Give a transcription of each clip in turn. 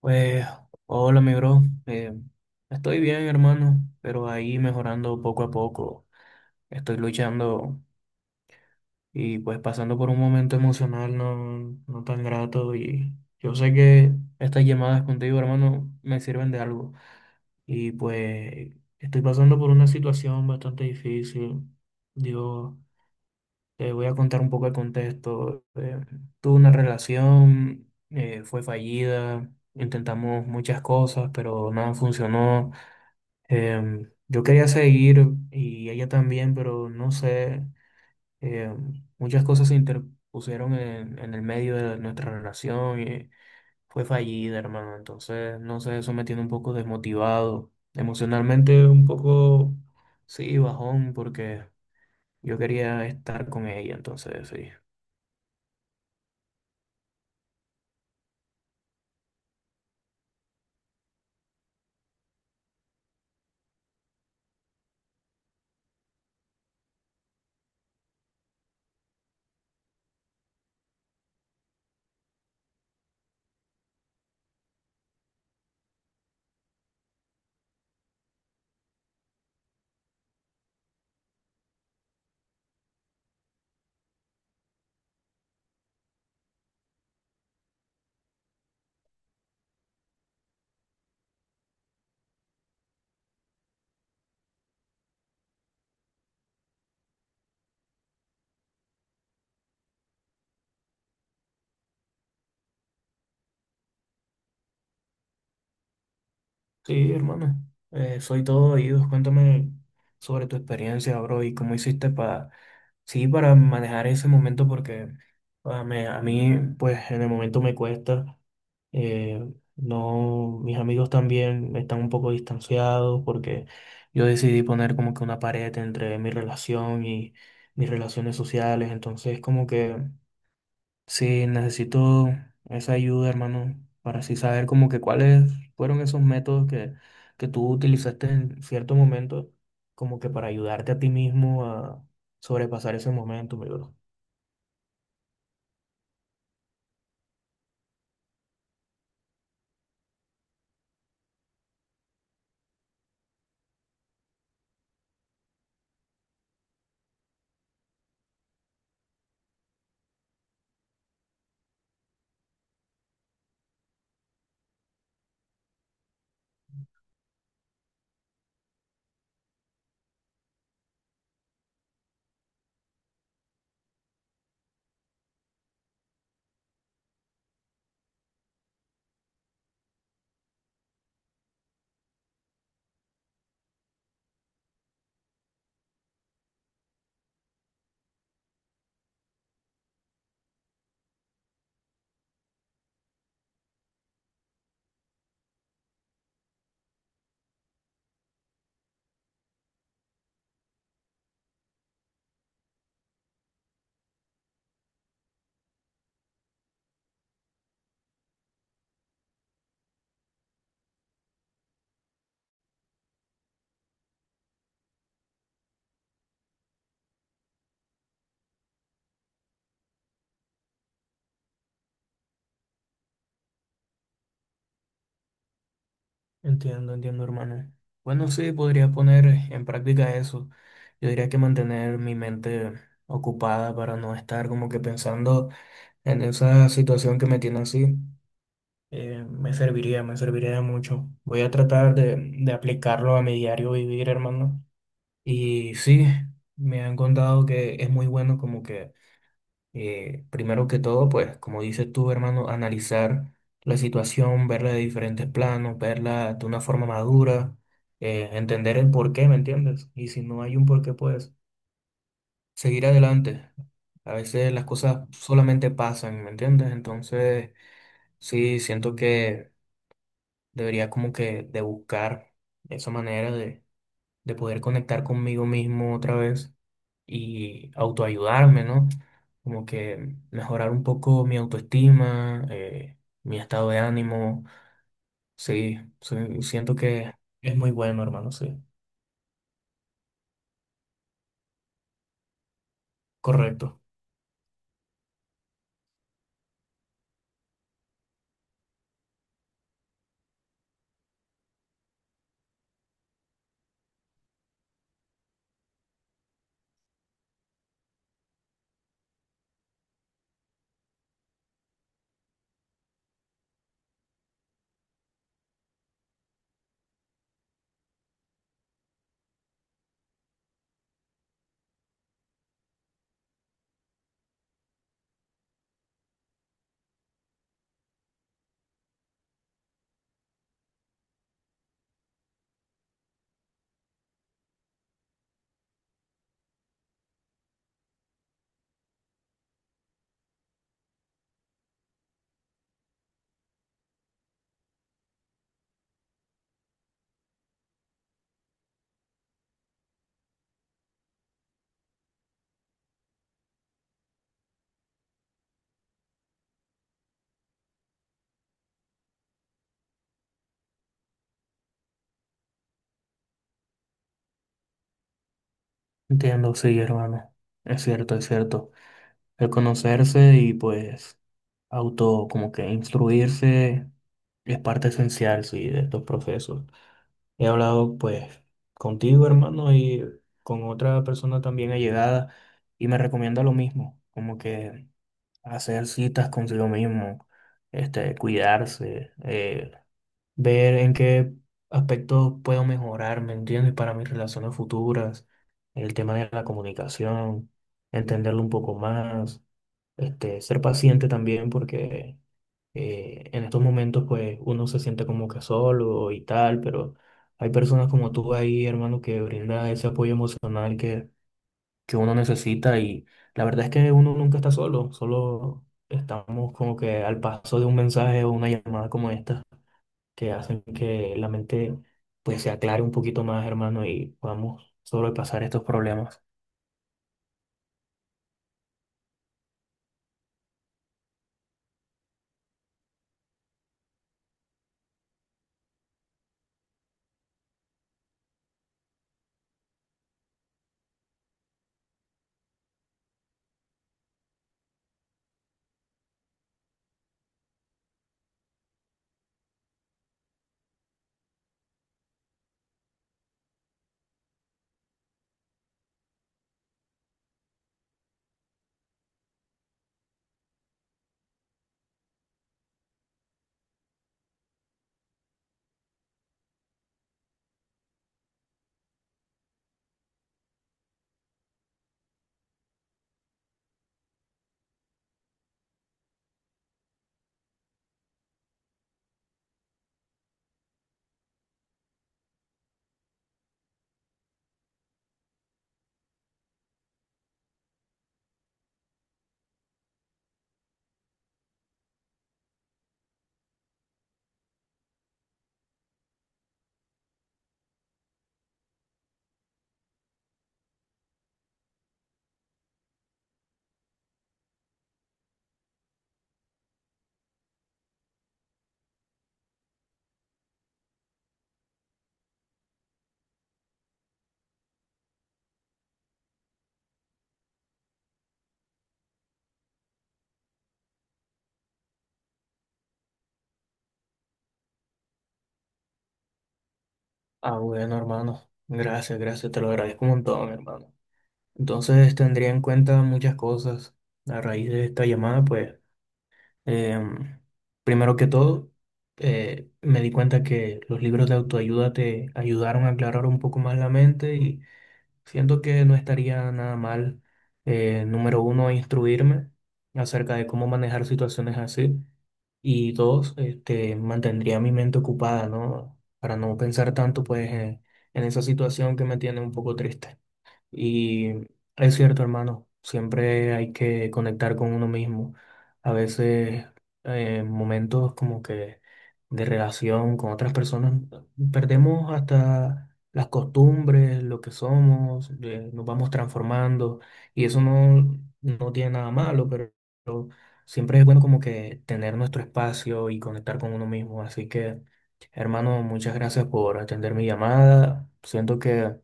Pues, hola, mi bro. Estoy bien, hermano, pero ahí mejorando poco a poco. Estoy luchando y pues pasando por un momento emocional no tan grato, y yo sé que estas llamadas contigo, hermano, me sirven de algo. Y pues estoy pasando por una situación bastante difícil. Dios. Te voy a contar un poco el contexto. Tuve una relación, fue fallida, intentamos muchas cosas, pero nada funcionó. Yo quería seguir y ella también, pero no sé, muchas cosas se interpusieron en el medio de nuestra relación y fue fallida, hermano. Entonces, no sé, eso me tiene un poco desmotivado. Emocionalmente un poco, sí, bajón, porque yo quería estar con ella, entonces, sí. Sí, hermano, soy todo oídos. Cuéntame sobre tu experiencia, bro, y cómo hiciste sí, para manejar ese momento, porque a mí, pues, en el momento me cuesta. eh, no, mis amigos también están un poco distanciados porque yo decidí poner como que una pared entre mi relación y mis relaciones sociales. Entonces, como que sí, necesito esa ayuda, hermano, para así saber como que cuáles fueron esos métodos que tú utilizaste en cierto momento, como que para ayudarte a ti mismo a sobrepasar ese momento, mi bro. Entiendo, hermano. Bueno, sí, podría poner en práctica eso. Yo diría que mantener mi mente ocupada para no estar como que pensando en esa situación que me tiene así. Me serviría, me serviría de mucho. Voy a tratar de aplicarlo a mi diario vivir, hermano. Y sí, me han contado que es muy bueno como primero que todo, pues, como dices tú, hermano, analizar la situación, verla de diferentes planos, verla de una forma madura, entender el porqué, ¿me entiendes? Y si no hay un porqué, pues, seguir adelante. A veces las cosas solamente pasan, ¿me entiendes? Entonces, sí, siento que... Debería como que de buscar esa manera de poder conectar conmigo mismo otra vez y autoayudarme, ¿no? Como que mejorar un poco mi autoestima, mi estado de ánimo. Sí, sí, siento que es muy bueno, hermano, sí. Correcto. Entiendo, sí, hermano. Es cierto, es cierto. El conocerse y pues auto como que instruirse es parte esencial, sí, de estos procesos. He hablado pues contigo, hermano, y con otra persona también allegada y me recomienda lo mismo, como que hacer citas consigo mismo, este, cuidarse, ver en qué aspectos puedo mejorar, ¿me entiendes? Para mis relaciones futuras, el tema de la comunicación, entenderlo un poco más, este, ser paciente también porque en estos momentos pues uno se siente como que solo y tal, pero hay personas como tú ahí, hermano, que brinda ese apoyo emocional que uno necesita, y la verdad es que uno nunca está solo, solo estamos como que al paso de un mensaje o una llamada como esta que hacen que la mente pues se aclare un poquito más, hermano, y podamos sobrepasar estos problemas. Ah, bueno, hermano. Gracias, gracias, te lo agradezco un montón, hermano. Entonces tendría en cuenta muchas cosas a raíz de esta llamada, pues em, primero que todo, me di cuenta que los libros de autoayuda te ayudaron a aclarar un poco más la mente y siento que no estaría nada mal, número 1, instruirme acerca de cómo manejar situaciones así, y dos, este, mantendría mi mente ocupada, ¿no? Para no pensar tanto pues en esa situación que me tiene un poco triste. Y es cierto, hermano, siempre hay que conectar con uno mismo. A veces, momentos como que de relación con otras personas, perdemos hasta las costumbres, lo que somos, nos vamos transformando y eso no tiene nada malo, pero siempre es bueno como que tener nuestro espacio y conectar con uno mismo. Así que, hermano, muchas gracias por atender mi llamada. Siento que...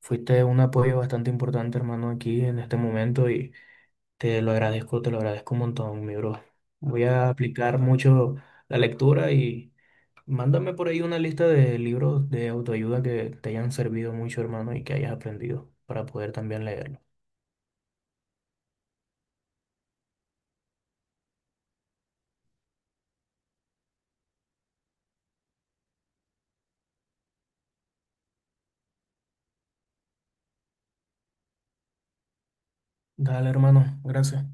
Fuiste un apoyo bastante importante, hermano, aquí en este momento y te lo agradezco un montón, mi bro. Voy a aplicar mucho la lectura y mándame por ahí una lista de libros de autoayuda que te hayan servido mucho, hermano, y que hayas aprendido para poder también leerlo. Dale, hermano, gracias.